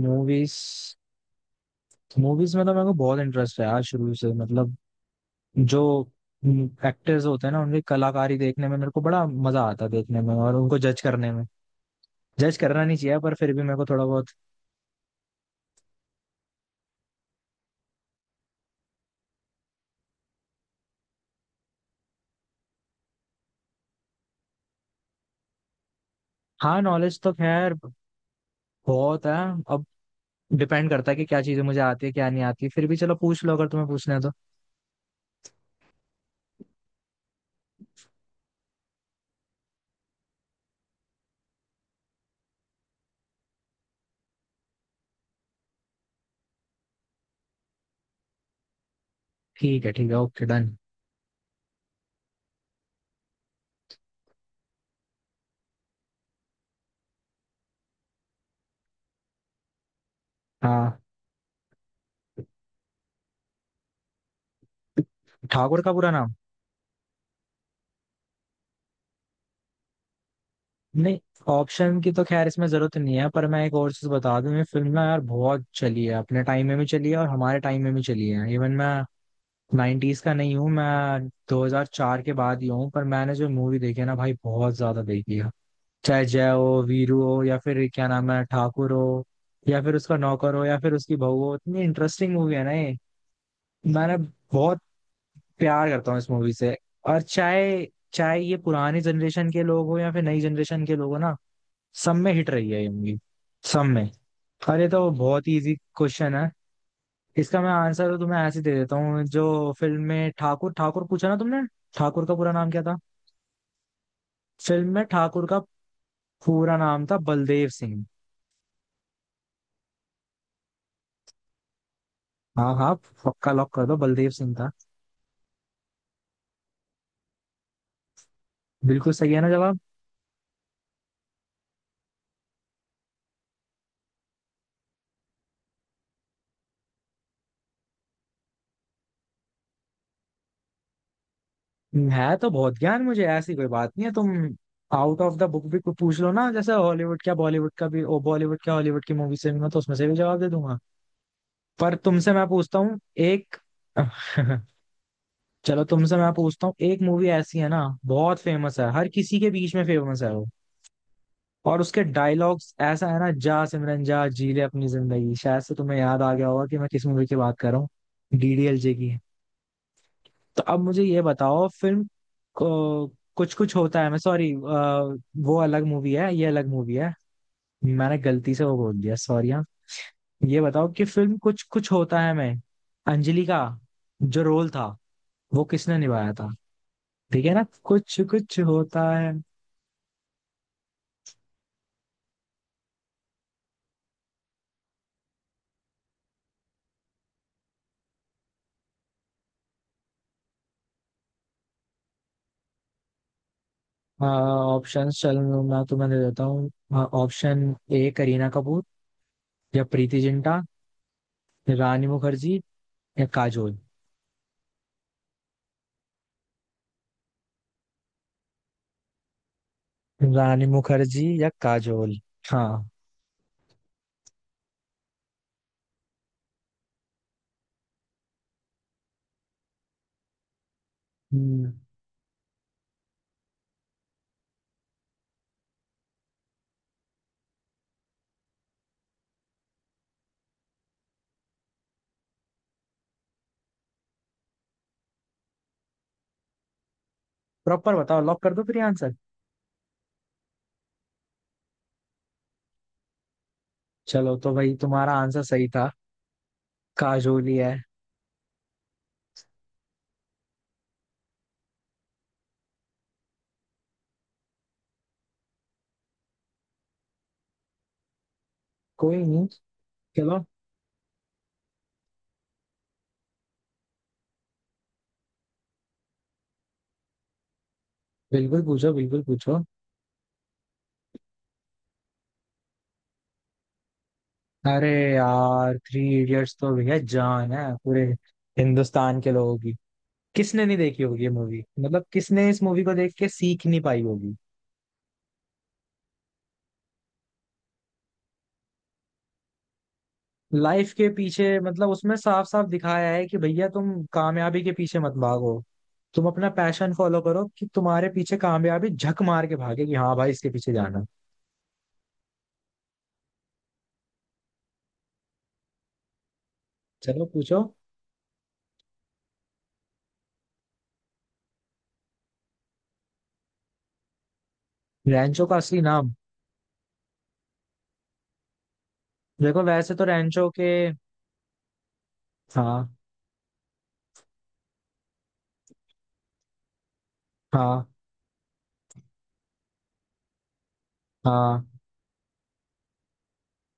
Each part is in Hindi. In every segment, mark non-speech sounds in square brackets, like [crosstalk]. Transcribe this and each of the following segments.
मूवीज मूवीज में तो मेरे को बहुत इंटरेस्ट है यार, शुरू से। मतलब जो एक्टर्स होते हैं ना, उनकी कलाकारी देखने में मेरे को बड़ा मजा आता है, देखने में और उनको जज करने में। जज करना नहीं चाहिए पर फिर भी मेरे को थोड़ा बहुत। हाँ, नॉलेज तो खैर बहुत है। अब डिपेंड करता है कि क्या चीजें मुझे आती है क्या नहीं आती। फिर भी चलो पूछ लो अगर तुम्हें पूछना है तो। ठीक है, ठीक है, ओके डन। हाँ, ठाकुर का पूरा नाम। नहीं, ऑप्शन की तो खैर इसमें जरूरत नहीं है, पर मैं एक और चीज बता दूं। ये फिल्म ना यार बहुत चली है, अपने टाइम में भी चली है और हमारे टाइम में भी चली है। इवन मैं 90s का नहीं हूँ, मैं 2004 के बाद ही हूँ, पर मैंने जो मूवी देखी है ना भाई बहुत ज्यादा देखी है। चाहे जय हो, वीरू हो, या फिर क्या नाम है ठाकुर हो, या फिर उसका नौकर हो, या फिर उसकी बहू हो। इतनी इंटरेस्टिंग मूवी है ना ये। मैंने बहुत प्यार करता हूँ इस मूवी से। और चाहे चाहे ये पुरानी जनरेशन के लोग हो या फिर नई जनरेशन के लोग हो ना, सब में हिट रही है ये मूवी, सब में। अरे तो बहुत इजी क्वेश्चन है। इसका मैं आंसर तो तुम्हें ऐसे दे देता हूँ। जो फिल्म में ठाकुर ठाकुर पूछा ना तुमने, ठाकुर का पूरा नाम क्या था। फिल्म में ठाकुर का पूरा नाम था बलदेव सिंह। हाँ, हाँ, पक्का लॉक कर दो, बलदेव सिंह था। बिल्कुल सही है ना जवाब। है तो बहुत ज्ञान मुझे, ऐसी कोई बात नहीं है। तुम आउट ऑफ द बुक भी कुछ पूछ लो ना, जैसे हॉलीवुड क्या बॉलीवुड का भी, ओ बॉलीवुड क्या हॉलीवुड की मूवी से भी मैं तो उसमें से भी जवाब दे दूंगा। पर तुमसे मैं पूछता हूँ एक। [laughs] चलो तुमसे मैं पूछता हूँ। एक मूवी ऐसी है ना बहुत फेमस है, हर किसी के बीच में फेमस है वो। और उसके डायलॉग्स ऐसा है ना, जा सिमरन जा जी ले अपनी जिंदगी। शायद से तुम्हें याद आ गया होगा कि मैं किस मूवी की बात कर रहा हूँ। डीडीएलजे की। तो अब मुझे ये बताओ फिल्म को कुछ कुछ होता है। मैं सॉरी, वो अलग मूवी है ये अलग मूवी है। मैंने गलती से वो बोल दिया, सॉरी। हाँ, ये बताओ कि फिल्म कुछ कुछ होता है मैं, अंजलि का जो रोल था वो किसने निभाया था। ठीक है ना, कुछ कुछ होता है। हाँ, ऑप्शंस चल, मैं तुम्हें दे देता हूँ। हाँ, ऑप्शन ए करीना कपूर, या प्रीति जिंटा, रानी मुखर्जी या काजोल। रानी मुखर्जी या काजोल। हाँ। प्रॉपर बताओ, लॉक कर दो फिर आंसर। चलो तो भाई तुम्हारा आंसर सही था, काजोल ही है। कोई नहीं, चलो। बिल्कुल पूछो, बिल्कुल पूछो। अरे यार थ्री इडियट्स तो भैया जान है पूरे हिंदुस्तान के लोगों। किसने नहीं देखी होगी ये मूवी, मतलब किसने इस मूवी को देख के सीख नहीं पाई होगी। लाइफ के पीछे मतलब उसमें साफ साफ दिखाया है कि भैया तुम कामयाबी के पीछे मत भागो, तुम अपना पैशन फॉलो करो कि तुम्हारे पीछे कामयाबी झक मार के भागे कि हाँ भाई इसके पीछे जाना है। चलो पूछो। रैंचो का असली नाम। देखो, वैसे तो रैंचो के। हाँ। हाँ। हाँ।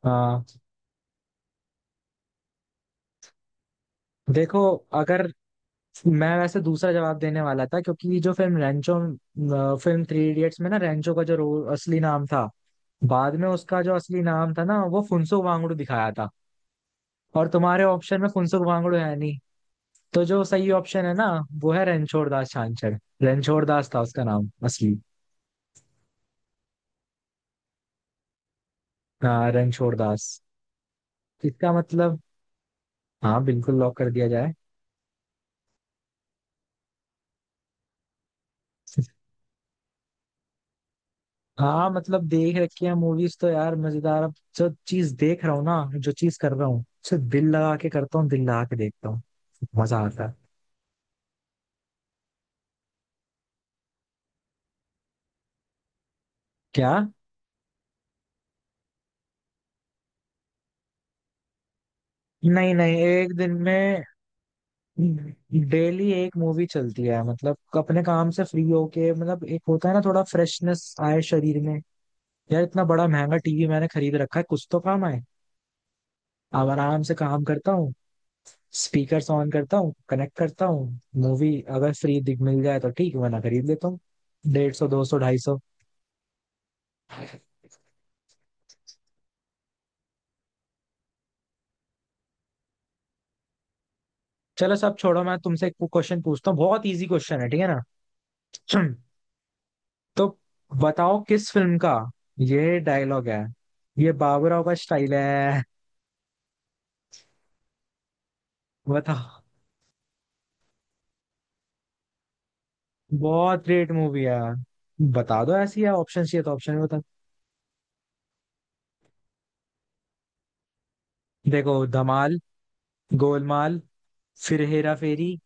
हाँ। देखो, अगर मैं वैसे दूसरा जवाब देने वाला था, क्योंकि जो film Rancho, film three idiots में ना रेंचो का जो रोल असली नाम था, बाद में उसका जो असली नाम था ना वो फुनसुक वांगडू दिखाया था। और तुम्हारे ऑप्शन में फुनसुक वांगडू है नहीं। तो जो सही ऑप्शन है ना, वो है रणछोड़ दास छांछड़। रणछोड़ दास था उसका नाम असली। हाँ, रणछोड़ दास। इसका मतलब, हाँ बिल्कुल लॉक कर दिया जाए। हाँ मतलब देख रखी है मूवीज तो यार, मजेदार। अब जो चीज देख रहा हूँ ना, जो चीज कर रहा हूँ उसे दिल लगा के करता हूँ, दिल लगा के देखता हूँ। मजा आता है। क्या। नहीं नहीं, एक दिन में डेली एक मूवी चलती है। मतलब अपने काम से फ्री होके, मतलब एक होता है ना थोड़ा फ्रेशनेस आए शरीर में। यार इतना बड़ा महंगा टीवी मैंने खरीद रखा है, कुछ तो काम आए। अब आराम से काम करता हूँ, स्पीकर्स ऑन करता हूँ, कनेक्ट करता हूँ मूवी। अगर फ्री दिख मिल जाए तो ठीक, वरना खरीद लेता हूँ। डेढ़ सौ, दो सौ, ढाई सौ। चलो सब छोड़ो, मैं तुमसे एक क्वेश्चन पूछता हूँ, बहुत इजी क्वेश्चन है, ठीक है ना। [clears throat] तो बताओ किस फिल्म का ये डायलॉग है, ये बाबूराव का स्टाइल है। बताओ। बहुत ग्रेट मूवी है। बता दो ऐसी है, ऑप्शन चाहिए तो ऑप्शन में बता। देखो, धमाल, गोलमाल, फिर हेरा फेरी,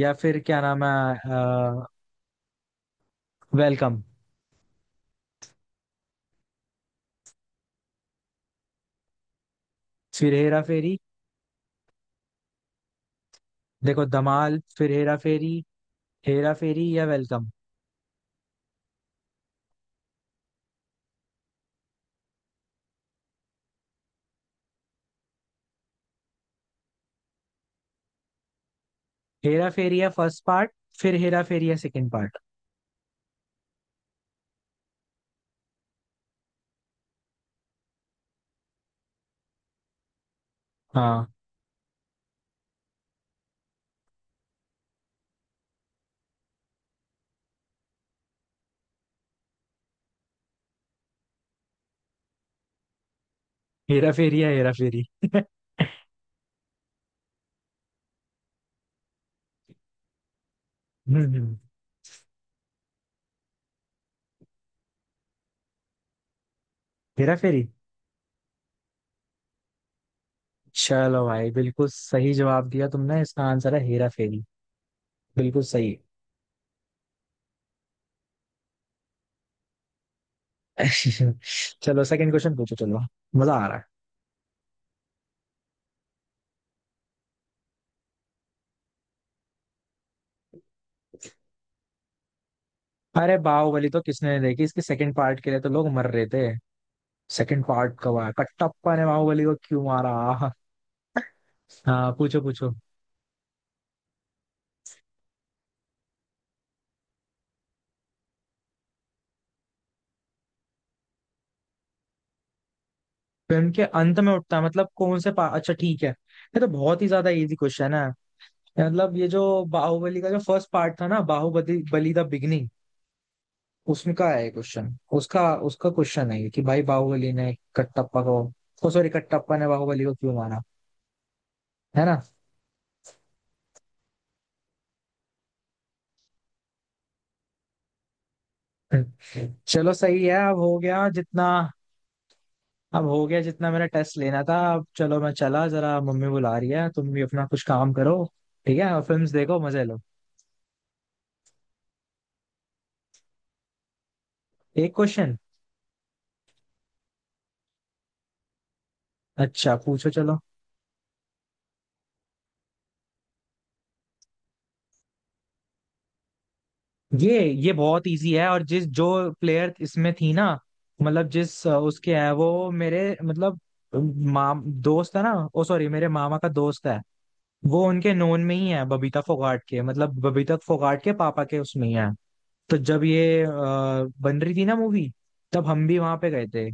या फिर क्या नाम है अ, वेलकम। फिर हेरा फेरी। देखो, धमाल, फिर हेरा फेरी, हेरा फेरी या वेलकम। हेरा फेरी या फर्स्ट पार्ट, फिर हेरा फेरी या सेकंड पार्ट। हाँ हेरा फेरी या हेरा फेरी। हम्म। हेरा फेरी। चलो भाई बिल्कुल सही जवाब दिया तुमने, इसका आंसर है हेरा फेरी। बिल्कुल सही। [laughs] चलो सेकंड क्वेश्चन पूछो, चलो। मजा आ रहा है। अरे बाहुबली तो किसने नहीं देखी, इसके सेकंड पार्ट के लिए तो लोग मर रहे थे। सेकंड पार्ट कब आया, कटप्पा ने बाहुबली को क्यों मारा। हाँ, पूछो पूछो। फिल्म के अंत में उठता है मतलब कौन से पा... अच्छा ठीक है, ये तो बहुत ही ज्यादा इजी क्वेश्चन है। मतलब ये जो बाहुबली का जो फर्स्ट पार्ट था ना, बाहुबली बली द बिगनिंग, उसमें का है ये क्वेश्चन। उसका उसका क्वेश्चन है ये कि भाई बाहुबली ने कटप्पा को, ओ सॉरी, कटप्पा ने बाहुबली को क्यों मारा। है ना। चलो सही है, अब हो गया जितना। अब हो गया जितना मेरा टेस्ट लेना था। अब चलो मैं चला, जरा मम्मी बुला रही है, तुम भी अपना कुछ काम करो। ठीक है, और फिल्म्स देखो मजे लो। एक क्वेश्चन। अच्छा पूछो चलो। ये बहुत इजी है। और जिस जो प्लेयर इसमें थी ना, मतलब जिस उसके है, वो मेरे मतलब माम दोस्त है ना, ओ सॉरी मेरे मामा का दोस्त है। वो उनके नोन में ही है, बबीता फोगाट के, मतलब बबीता फोगाट के पापा के उसमें ही है। तो जब ये बन रही थी ना मूवी, तब हम भी वहां पे गए थे।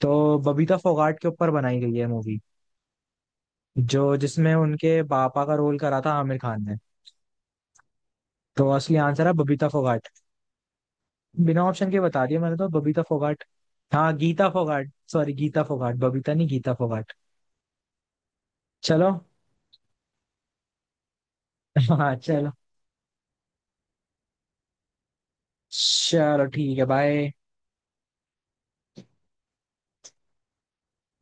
तो बबीता फोगाट के ऊपर बनाई गई है मूवी, जो जिसमें उनके पापा का रोल करा था आमिर खान ने। तो असली आंसर है बबीता फोगाट। बिना ऑप्शन के बता दिया मैंने तो, बबीता फोगाट। हाँ गीता फोगाट, सॉरी गीता फोगाट, बबीता नहीं, गीता फोगाट। चलो [laughs] हाँ चलो। चलो ठीक है, बाय।